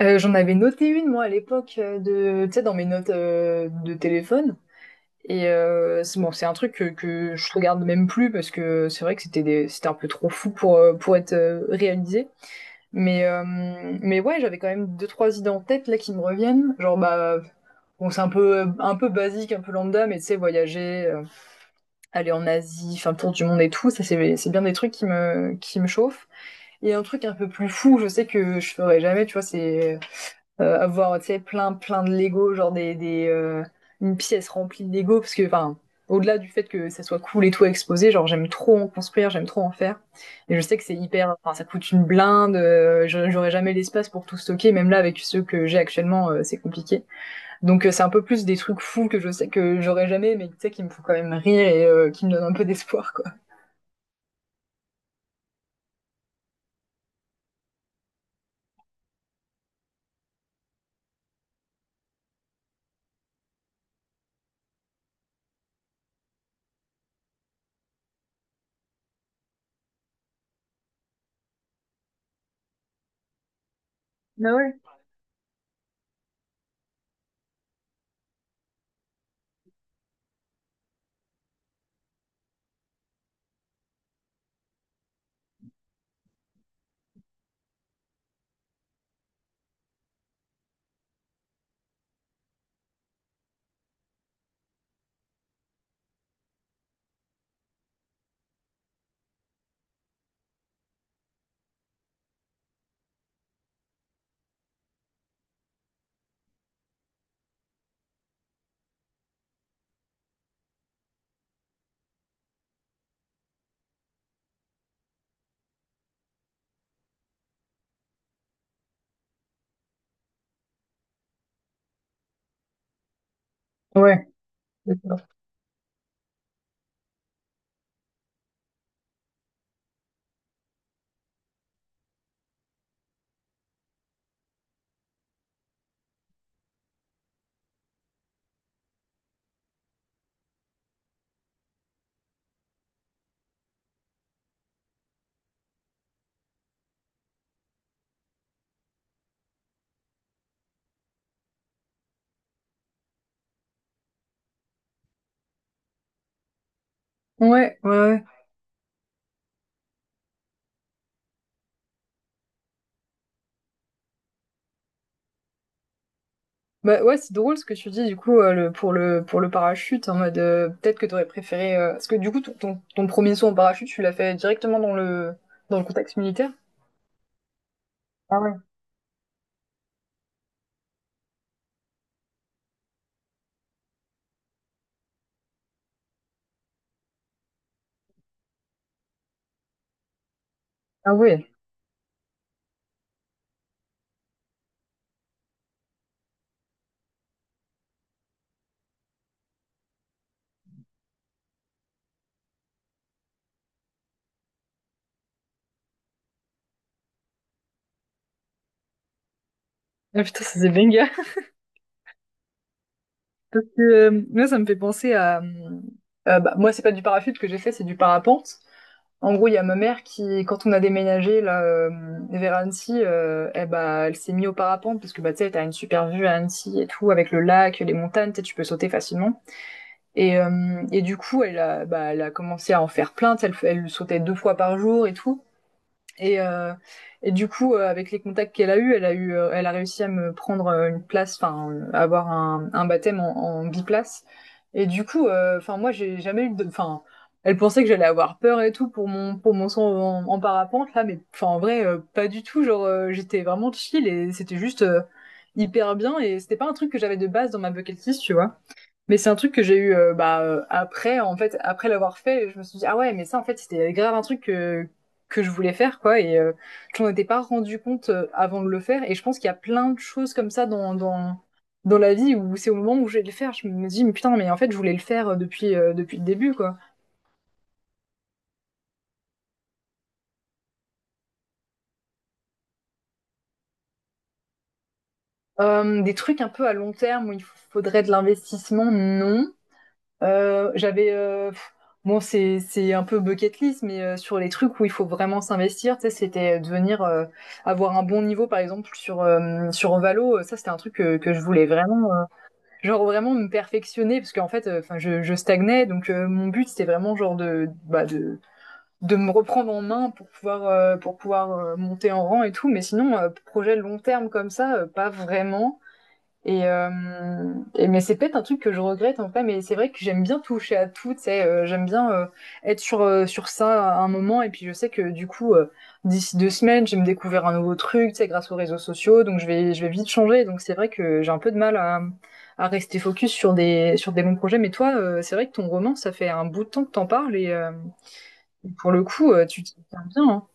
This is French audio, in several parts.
J'en avais noté une, moi, à l'époque, tu sais, dans mes notes de téléphone. Et c'est bon, c'est un truc que je regarde même plus parce que c'est vrai que c'était un peu trop fou pour être réalisé. Mais, euh, mais ouais, j'avais quand même deux, trois idées en tête là qui me reviennent. Genre, bon, c'est un peu basique, un peu lambda, mais tu sais, voyager, aller en Asie, faire le tour du monde et tout, ça, c'est bien des trucs qui me chauffent. Et un truc un peu plus fou, je sais que je ferais jamais, tu vois, c'est avoir tu sais plein de Lego genre des une pièce remplie de Lego parce que enfin au-delà du fait que ça soit cool et tout à exposer, genre j'aime trop en construire, j'aime trop en faire et je sais que c'est hyper, enfin ça coûte une blinde, j'aurais jamais l'espace pour tout stocker, même là avec ceux que j'ai actuellement c'est compliqué. Donc c'est un peu plus des trucs fous que je sais que j'aurais jamais mais tu sais qui me font quand même rire et qui me donnent un peu d'espoir, quoi. Ah ouais. Ouais, d'accord. Ouais, ouais, ouais. Bah ouais, c'est drôle ce que tu dis, du coup, pour le parachute, en mode, peut-être que t'aurais préféré, parce que du coup ton premier saut en parachute tu l'as fait directement dans le contexte militaire. Ah ouais. Ah ouais. Ah putain, ça c'est banger. Parce que moi ça me fait penser à moi c'est pas du parachute que j'ai fait, c'est du parapente. En gros il y a ma mère qui quand on a déménagé là vers Annecy, eh bah elle s'est mise au parapente parce que bah tu sais t'as une super vue à Annecy et tout avec le lac, les montagnes, tu sais, tu peux sauter facilement. Et du coup, elle a commencé à en faire plainte. Elle sautait deux fois par jour et tout. Et, euh, et du coup, avec les contacts qu'elle a eu, elle a réussi à me prendre une place, enfin, avoir un baptême en biplace. Et du coup, enfin, moi, j'ai jamais eu de, enfin, elle pensait que j'allais avoir peur et tout pour pour mon saut en parapente là, mais enfin, en vrai, pas du tout. Genre, j'étais vraiment chill et c'était juste hyper bien. Et c'était pas un truc que j'avais de base dans ma bucket list, tu vois. Mais c'est un truc que j'ai eu après, en fait, après l'avoir fait, je me suis dit, ah ouais, mais ça, en fait, c'était grave un truc que je voulais faire, quoi. Et je m'en étais pas rendu compte avant de le faire. Et je pense qu'il y a plein de choses comme ça dans la vie où c'est au moment où je vais le faire, je me dis, mais putain, mais en fait, je voulais le faire, depuis le début, quoi. Des trucs un peu à long terme où il faudrait de l'investissement, non. Euh, j'avais euh, pff, bon c'est un peu bucket list mais sur les trucs où il faut vraiment s'investir, tu sais, c'était devenir, avoir un bon niveau par exemple sur Valo, ça c'était un truc que je voulais vraiment, genre vraiment me perfectionner parce qu'en fait, je stagnais, donc mon but c'était vraiment genre de bah de me reprendre en main pour pouvoir, monter en rang et tout. Mais sinon, projet long terme comme ça, pas vraiment. et, euh, mais c'est peut-être un truc que je regrette, en fait. Mais c'est vrai que j'aime bien toucher à tout, tu sais, j'aime bien être sur ça à un moment et puis je sais que du coup d'ici deux semaines je vais me découvrir un nouveau truc, tu sais, grâce aux réseaux sociaux, donc je vais vite changer, donc c'est vrai que j'ai un peu de mal à rester focus sur des bons projets. Mais toi, c'est vrai que ton roman, ça fait un bout de temps que t'en parles et pour le coup, tu t'y tiens bien, hein.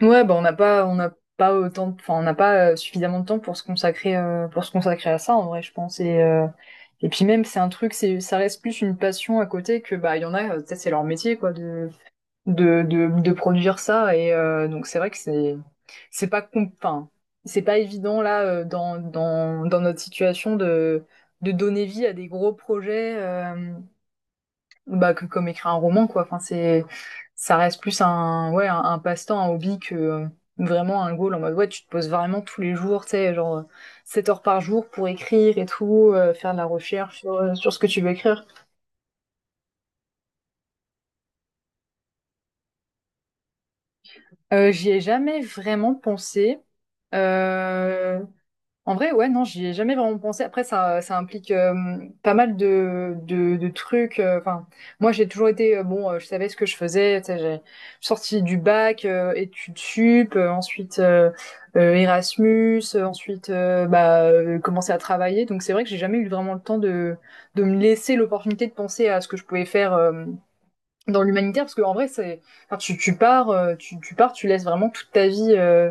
Ouais, bah on n'a pas autant, enfin on n'a pas suffisamment de temps pour se consacrer à ça en vrai, je pense. Et puis même c'est un truc, c'est ça reste plus une passion à côté, que bah il y en a, peut-être c'est leur métier, quoi, de de produire ça. Et donc c'est vrai que c'est pas com- enfin c'est pas évident là, dans notre situation de donner vie à des gros projets, bah, que comme écrire un roman, quoi. Enfin, c'est, ça reste plus un passe-temps, un hobby, que vraiment un goal, en mode, ouais, tu te poses vraiment tous les jours, tu sais, genre 7 heures par jour pour écrire et tout, faire de la recherche sur ce que tu veux écrire. J'y ai jamais vraiment pensé. Euh, En vrai, ouais, non, j'y ai jamais vraiment pensé. Après, ça implique pas mal de trucs. Enfin, moi, j'ai toujours été, je savais ce que je faisais. Tu sais, j'ai sorti du bac, études sup, ensuite Erasmus, ensuite commencer à travailler. Donc, c'est vrai que j'ai jamais eu vraiment le temps de me laisser l'opportunité de penser à ce que je pouvais faire dans l'humanitaire, parce qu'en vrai, c'est, enfin, tu pars, tu pars, tu laisses vraiment toute ta vie,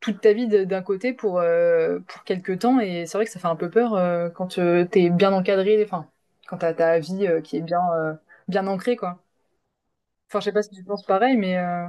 toute ta vie d'un côté pour quelques temps. Et c'est vrai que ça fait un peu peur quand t'es bien encadré, enfin, quand t'as ta vie qui est bien, bien ancrée, quoi. Enfin, je sais pas si tu penses pareil, mais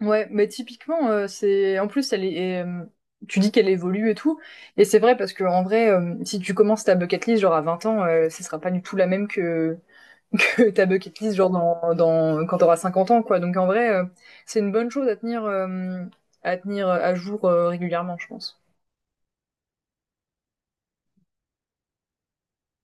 ouais, mais typiquement, c'est. En plus, elle est. Tu dis qu'elle évolue et tout, et c'est vrai parce que en vrai, si tu commences ta bucket list genre à 20 ans, ce sera pas du tout la même que, que ta bucket list genre dans, dans quand t'auras 50 ans, quoi. Donc en vrai, c'est une bonne chose à tenir, à tenir à jour, régulièrement, je pense.